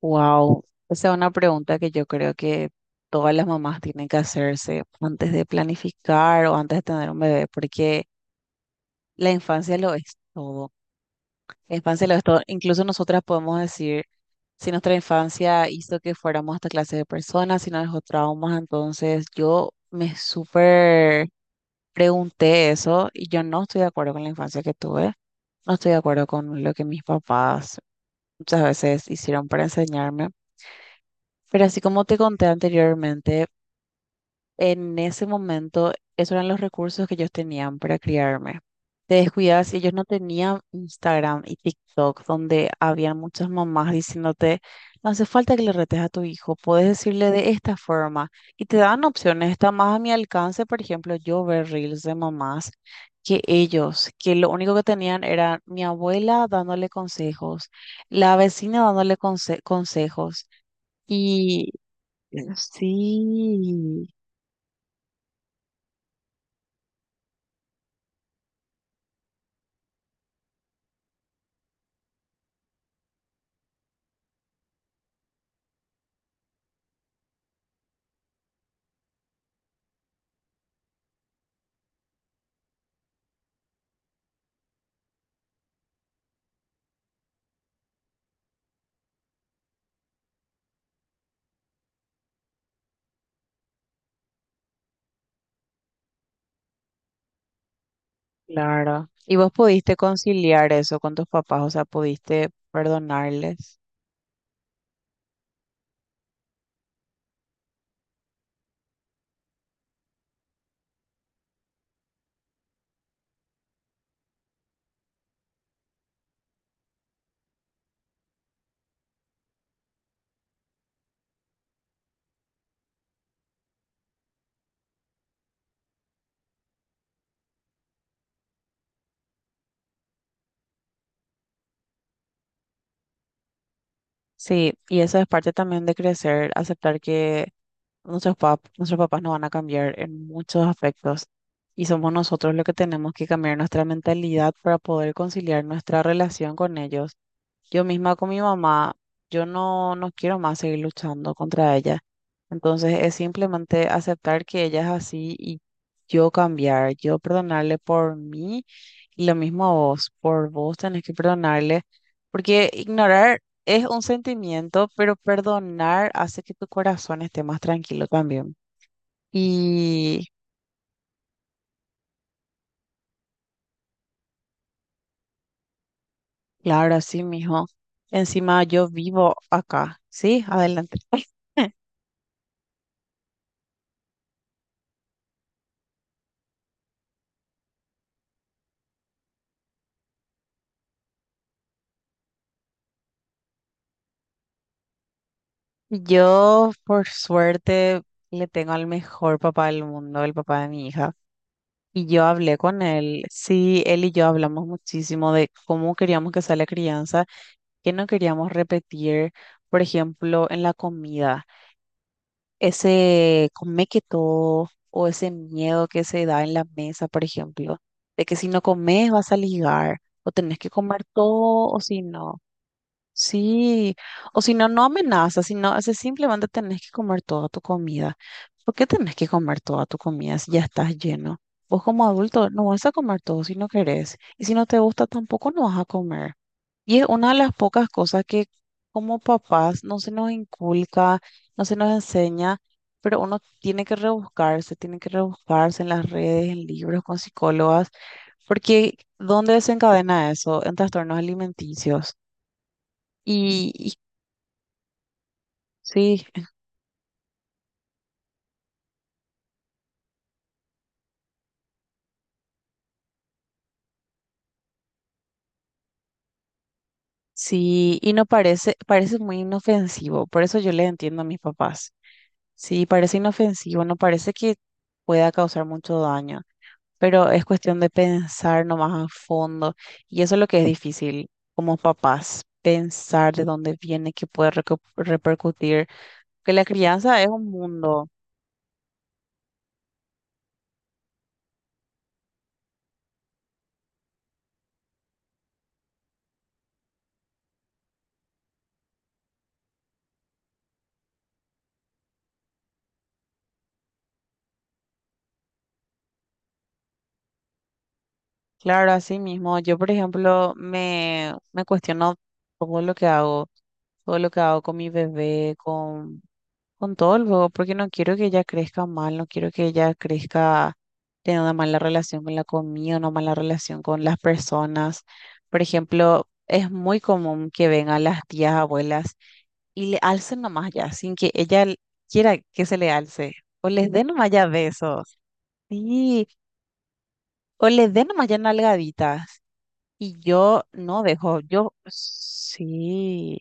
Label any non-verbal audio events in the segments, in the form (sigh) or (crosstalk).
Wow, esa es una pregunta que yo creo que todas las mamás tienen que hacerse antes de planificar o antes de tener un bebé, porque la infancia lo es todo. La infancia lo es todo. Incluso nosotras podemos decir si nuestra infancia hizo que fuéramos esta clase de personas, si nos dejó traumas, entonces yo me súper pregunté eso y yo no estoy de acuerdo con la infancia que tuve, no estoy de acuerdo con lo que mis papás muchas veces hicieron para enseñarme. Pero así como te conté anteriormente, en ese momento esos eran los recursos que ellos tenían para criarme. Te descuidas y ellos no tenían Instagram y TikTok, donde había muchas mamás diciéndote, no hace falta que le retes a tu hijo, puedes decirle de esta forma. Y te dan opciones, está más a mi alcance, por ejemplo, yo ver reels de mamás que ellos, que lo único que tenían era mi abuela dándole consejos, la vecina dándole consejos. Y Sí, claro. ¿Y vos pudiste conciliar eso con tus papás? O sea, ¿pudiste perdonarles? Sí, y eso es parte también de crecer, aceptar que nuestros papás no van a cambiar en muchos aspectos y somos nosotros los que tenemos que cambiar nuestra mentalidad para poder conciliar nuestra relación con ellos. Yo misma con mi mamá, yo no quiero más seguir luchando contra ella. Entonces es simplemente aceptar que ella es así y yo cambiar, yo perdonarle por mí y lo mismo a vos, por vos tenés que perdonarle, porque ignorar es un sentimiento, pero perdonar hace que tu corazón esté más tranquilo también. Y claro, así mijo. Encima yo vivo acá. Sí, adelante. (laughs) Yo, por suerte, le tengo al mejor papá del mundo, el papá de mi hija. Y yo hablé con él. Sí, él y yo hablamos muchísimo de cómo queríamos que sea la crianza, que no queríamos repetir, por ejemplo, en la comida. Ese come que todo o ese miedo que se da en la mesa, por ejemplo, de que si no comes vas a ligar o tenés que comer todo o si no. Sí, o si no, no amenazas, sino ese simplemente tenés que comer toda tu comida. ¿Por qué tenés que comer toda tu comida si ya estás lleno? Vos como adulto no vas a comer todo si no querés. Y si no te gusta tampoco no vas a comer. Y es una de las pocas cosas que como papás no se nos inculca, no se nos enseña, pero uno tiene que rebuscarse en las redes, en libros, con psicólogas, porque ¿dónde desencadena eso? En trastornos alimenticios. Y sí, sí, y no parece, parece muy inofensivo, por eso yo le entiendo a mis papás. Sí, parece inofensivo, no parece que pueda causar mucho daño, pero es cuestión de pensar nomás a fondo. Y eso es lo que es difícil como papás, pensar de dónde viene, qué puede repercutir. Que la crianza es un mundo. Claro, así mismo. Yo, por ejemplo, me cuestiono todo lo que hago, todo lo que hago con mi bebé, con todo el juego, porque no quiero que ella crezca mal, no quiero que ella crezca teniendo una mala relación con la comida, una mala relación con las personas. Por ejemplo, es muy común que vengan las tías, abuelas y le alcen nomás ya, sin que quiera que se le alce, o les dé nomás ya besos, sí, o les dé nomás ya nalgaditas. Y yo no dejo, yo sí,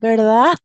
¿verdad?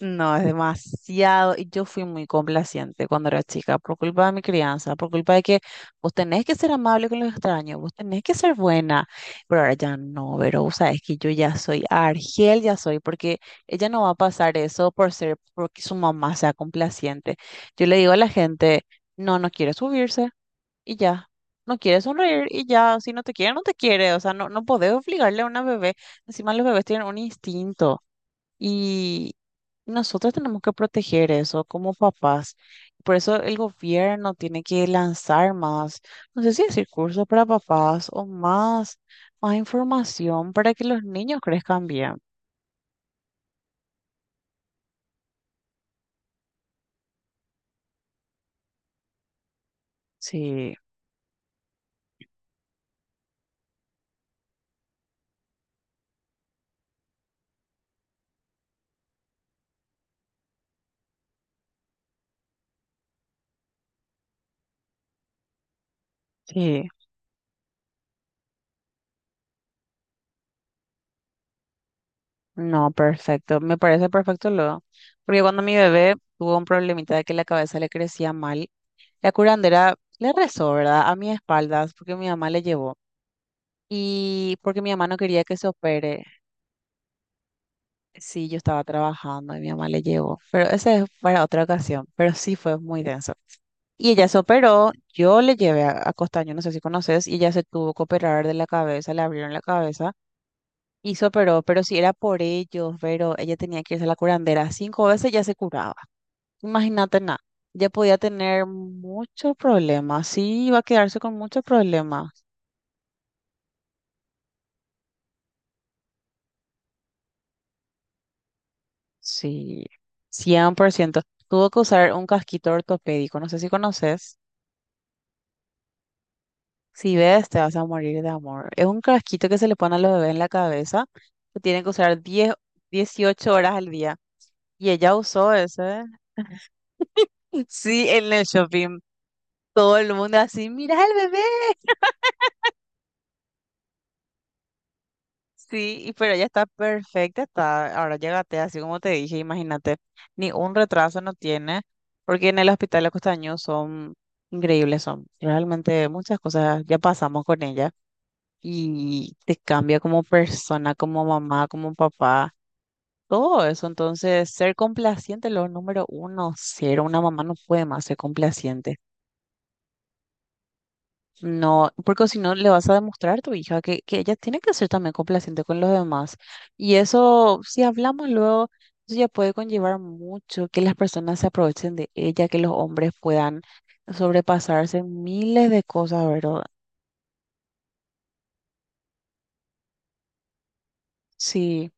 No, es demasiado. Y yo fui muy complaciente cuando era chica, por culpa de mi crianza, por culpa de que vos tenés que ser amable con los extraños, vos tenés que ser buena. Pero ahora ya no, pero vos sabés que yo ya soy Argel, ya soy, porque ella no va a pasar eso por ser, porque su mamá sea complaciente. Yo le digo a la gente, no, no quiere subirse y ya. No quiere sonreír y ya, si no te quiere, no te quiere. O sea, no, no podés obligarle a una bebé. Encima los bebés tienen un instinto y nosotros tenemos que proteger eso como papás. Por eso el gobierno tiene que lanzar más, no sé si decir cursos para papás o más, más información para que los niños crezcan bien. Sí, sí. No, perfecto. Me parece perfecto luego. Porque cuando mi bebé tuvo un problemita de que la cabeza le crecía mal, la curandera le rezó, ¿verdad? A mis espaldas, porque mi mamá le llevó. Y porque mi mamá no quería que se opere. Sí, yo estaba trabajando y mi mamá le llevó. Pero esa es para otra ocasión. Pero sí fue muy denso. Y ella se operó, yo le llevé a Costaño, no sé si conoces, y ella se tuvo que operar de la cabeza, le abrieron la cabeza y se operó, pero si era por ellos, pero ella tenía que irse a la curandera 5 veces ya se curaba. Imagínate nada, ya podía tener muchos problemas, sí, iba a quedarse con muchos problemas. Sí, 100%. Tuvo que usar un casquito ortopédico, no sé si conoces. Si ves, te vas a morir de amor. Es un casquito que se le pone a los bebés en la cabeza, que tienen que usar 10, 18 horas al día. Y ella usó ese. (laughs) Sí, en el shopping. Todo el mundo así, mira el bebé. Sí, y- pero ella está perfecta, está, ahora llégate, así como te dije, imagínate, ni un retraso no tiene, porque en el hospital de Costaño son increíbles, son realmente muchas cosas, ya pasamos con ella y te cambia como persona, como mamá, como papá, todo eso, entonces ser complaciente, lo número uno, ser una mamá no puede más ser complaciente. No, porque si no le vas a demostrar a tu hija que ella tiene que ser también complaciente con los demás. Y eso, si hablamos luego, eso ya puede conllevar mucho que las personas se aprovechen de ella, que los hombres puedan sobrepasarse en miles de cosas, ¿verdad? Sí,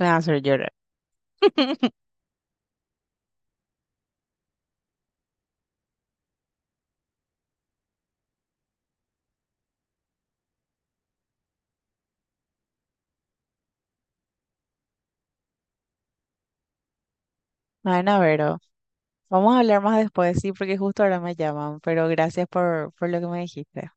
me va a hacer llorar. (laughs) Bueno, Vero, vamos a hablar más después, sí, porque justo ahora me llaman, pero gracias por lo que me dijiste.